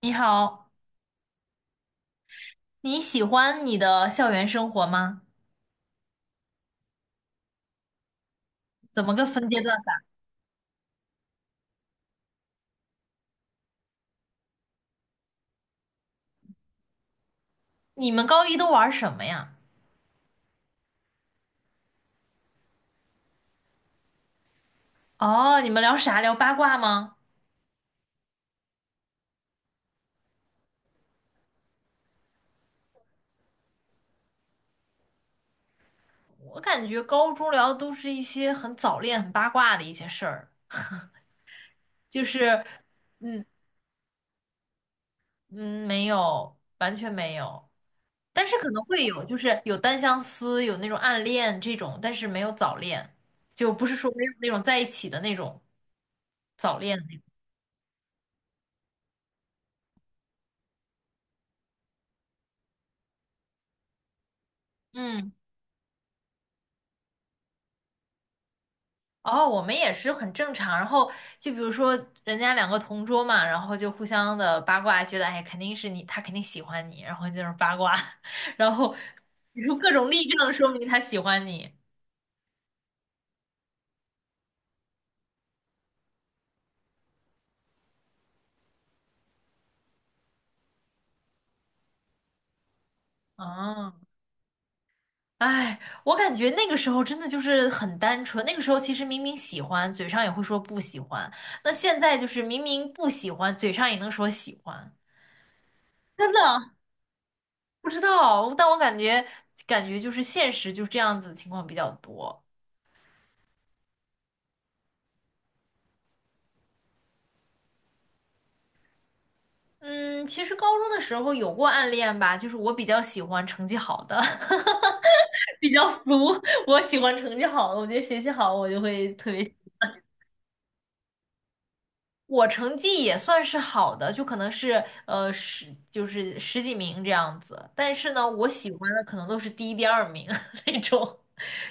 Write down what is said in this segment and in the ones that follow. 你好，你喜欢你的校园生活吗？怎么个分阶段法？你们高一都玩什么呀？哦，你们聊啥？聊八卦吗？我感觉高中聊的都是一些很早恋、很八卦的一些事儿，就是，嗯嗯，没有，完全没有，但是可能会有，就是有单相思，有那种暗恋这种，但是没有早恋，就不是说没有那种在一起的那种早恋的那种。嗯。哦，我们也是很正常。然后就比如说，人家两个同桌嘛，然后就互相的八卦，觉得哎，肯定是你，他肯定喜欢你，然后就是八卦，然后你说各种例证说明他喜欢你。哦，哎，我感觉那个时候真的就是很单纯。那个时候其实明明喜欢，嘴上也会说不喜欢。那现在就是明明不喜欢，嘴上也能说喜欢。真的不知道，但我感觉就是现实就是这样子的情况比较多。嗯，其实高中的时候有过暗恋吧，就是我比较喜欢成绩好的，比较俗，我喜欢成绩好的，我觉得学习好我就会特别。我成绩也算是好的，就可能是就是十几名这样子，但是呢，我喜欢的可能都是第一、第二名 那种，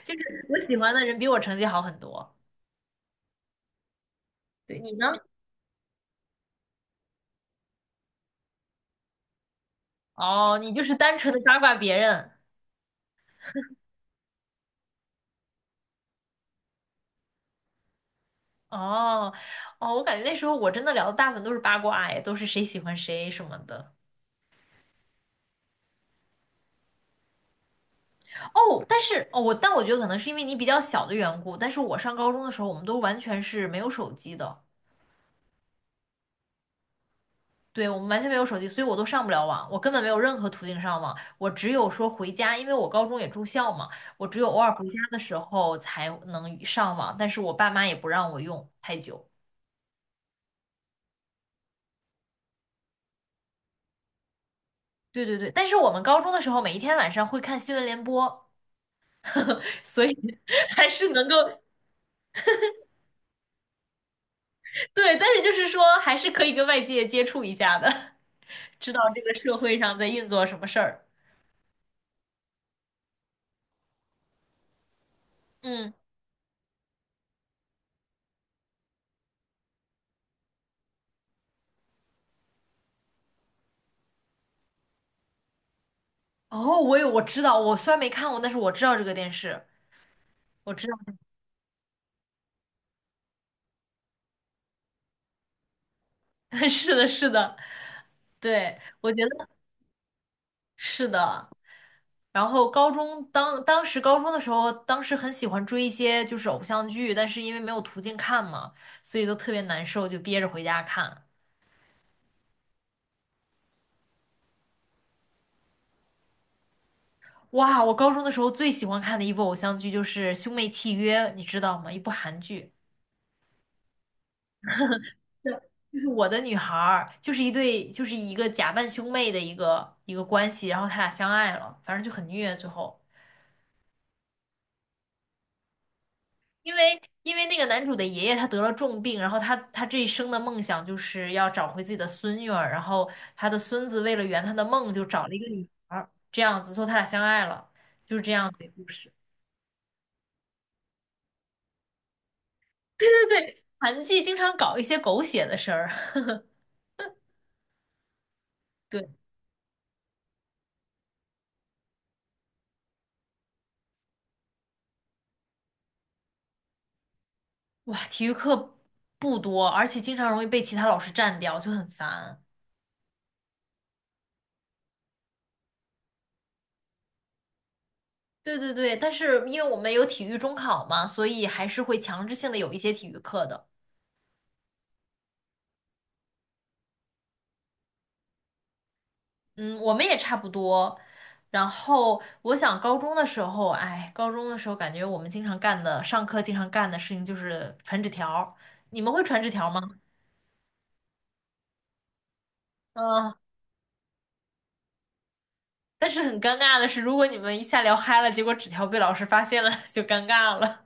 就是我喜欢的人比我成绩好很多。对，你呢？哦，你就是单纯的八卦别人。哦哦。我感觉那时候我真的聊的大部分都是八卦，哎，都是谁喜欢谁什么的。哦，但是哦，我但我觉得可能是因为你比较小的缘故，但是我上高中的时候，我们都完全是没有手机的，对，我们完全没有手机，所以我都上不了网，我根本没有任何途径上网，我只有说回家，因为我高中也住校嘛，我只有偶尔回家的时候才能上网，但是我爸妈也不让我用太久。对对对，但是我们高中的时候，每一天晚上会看新闻联播，所以还是能够，对，但是就是说还是可以跟外界接触一下的，知道这个社会上在运作什么事儿。嗯，哦，我有，我知道，我虽然没看过，但是我知道这个电视，我知道，是的，是的，对，我觉得是的。然后高中当时高中的时候，当时很喜欢追一些就是偶像剧，但是因为没有途径看嘛，所以都特别难受，就憋着回家看。哇，我高中的时候最喜欢看的一部偶像剧就是《兄妹契约》，你知道吗？一部韩剧，就是《我的女孩》，儿》，就是一对，就是一个假扮兄妹的一个关系，然后他俩相爱了，反正就很虐，最后。因为那个男主的爷爷他得了重病，然后他这一生的梦想就是要找回自己的孙女儿，然后他的孙子为了圆他的梦，就找了一个女孩儿，这样子，所以他俩相爱了，就是这样子一个故事。韩剧经常搞一些狗血的事儿，对，哇，体育课不多，而且经常容易被其他老师占掉，就很烦。对对对，但是因为我们有体育中考嘛，所以还是会强制性的有一些体育课的。嗯，我们也差不多。然后我想高中的时候，哎，高中的时候感觉我们经常干的，上课经常干的事情就是传纸条儿你们会传纸条吗？嗯，但是很尴尬的是，如果你们一下聊嗨了，结果纸条被老师发现了，就尴尬了。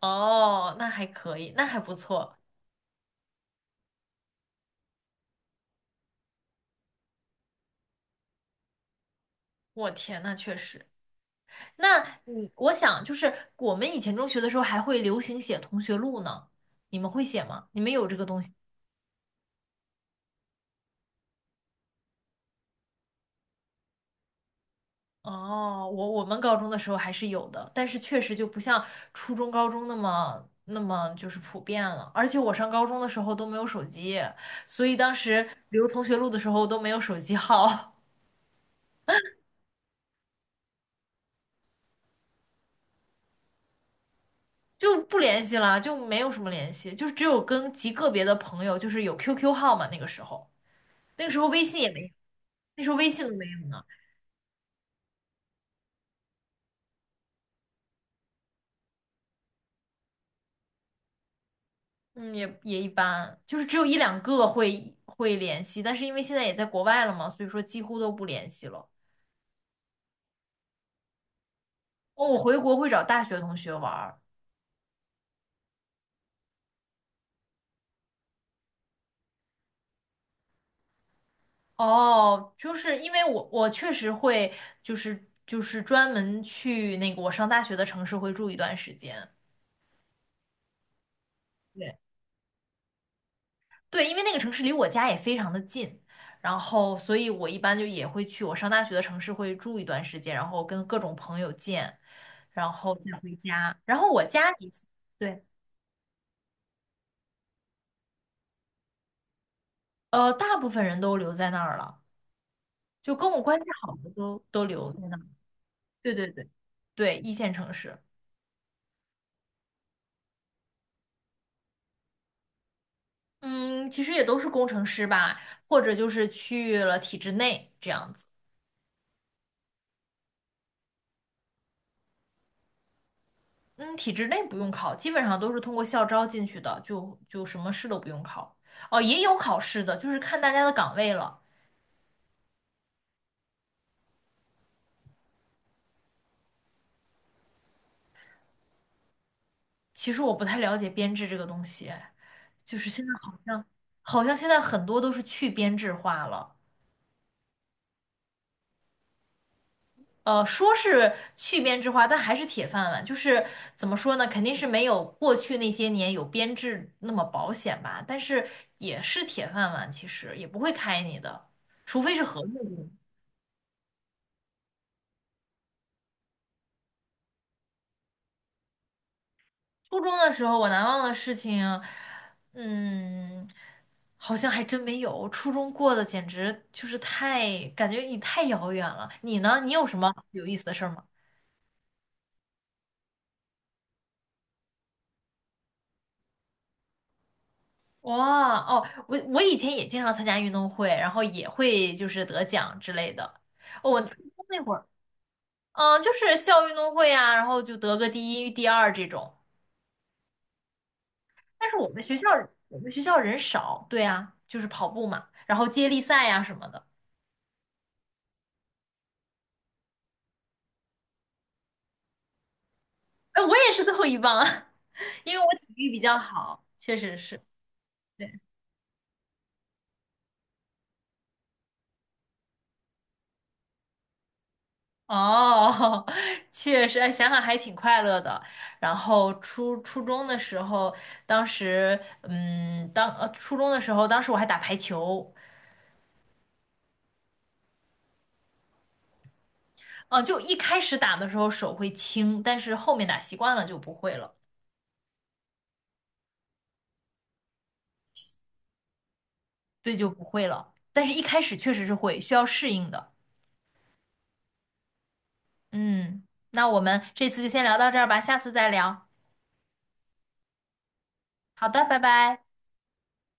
哦，那还可以，那还不错。我天，那确实。那你，我想就是我们以前中学的时候还会流行写同学录呢，你们会写吗？你们有这个东西？哦，我们高中的时候还是有的，但是确实就不像初中、高中那么就是普遍了。而且我上高中的时候都没有手机，所以当时留同学录的时候都没有手机号，就不联系了，就没有什么联系，就是只有跟极个别的朋友，就是有 QQ 号嘛。那个时候，那个时候微信也没有，那时候微信都没有呢。嗯，也也一般，就是只有一两个会联系，但是因为现在也在国外了嘛，所以说几乎都不联系了。哦，我回国会找大学同学玩儿。哦，就是因为我确实会，就是专门去那个我上大学的城市会住一段时间。对对，因为那个城市离我家也非常的近，然后所以我一般就也会去我上大学的城市会住一段时间，然后跟各种朋友见，然后再回家。然后我家里，对，大部分人都留在那儿了，就跟我关系好的都留在那儿。对对对，对，一线城市。嗯，其实也都是工程师吧，或者就是去了体制内这样子。嗯，体制内不用考，基本上都是通过校招进去的，就什么试都不用考。哦，也有考试的，就是看大家的岗位了。其实我不太了解编制这个东西，就是现在好像现在很多都是去编制化了。呃，说是去编制化，但还是铁饭碗。就是怎么说呢，肯定是没有过去那些年有编制那么保险吧，但是也是铁饭碗，其实也不会开你的，除非是合同工。初中的时候，我难忘的事情，嗯，好像还真没有。初中过得简直就是太，感觉也太遥远了。你呢？你有什么有意思的事儿吗？哇哦，我以前也经常参加运动会，然后也会就是得奖之类的。哦我初中那会儿，嗯，就是校运动会啊，然后就得个第一、第二这种。但是我们学校我们学校人少，对啊，就是跑步嘛，然后接力赛呀、什么的。哎，我也是最后一棒啊，因为我体育比较好，确实是。对。哦，确实，哎想想还挺快乐的。然后初中的时候，当时，嗯，初中的时候，当时我还打排球，嗯、就一开始打的时候手会轻，但是后面打习惯了就不会了，对，就不会了。但是一开始确实是会，需要适应的。嗯，那我们这次就先聊到这儿吧，下次再聊。好的，拜拜。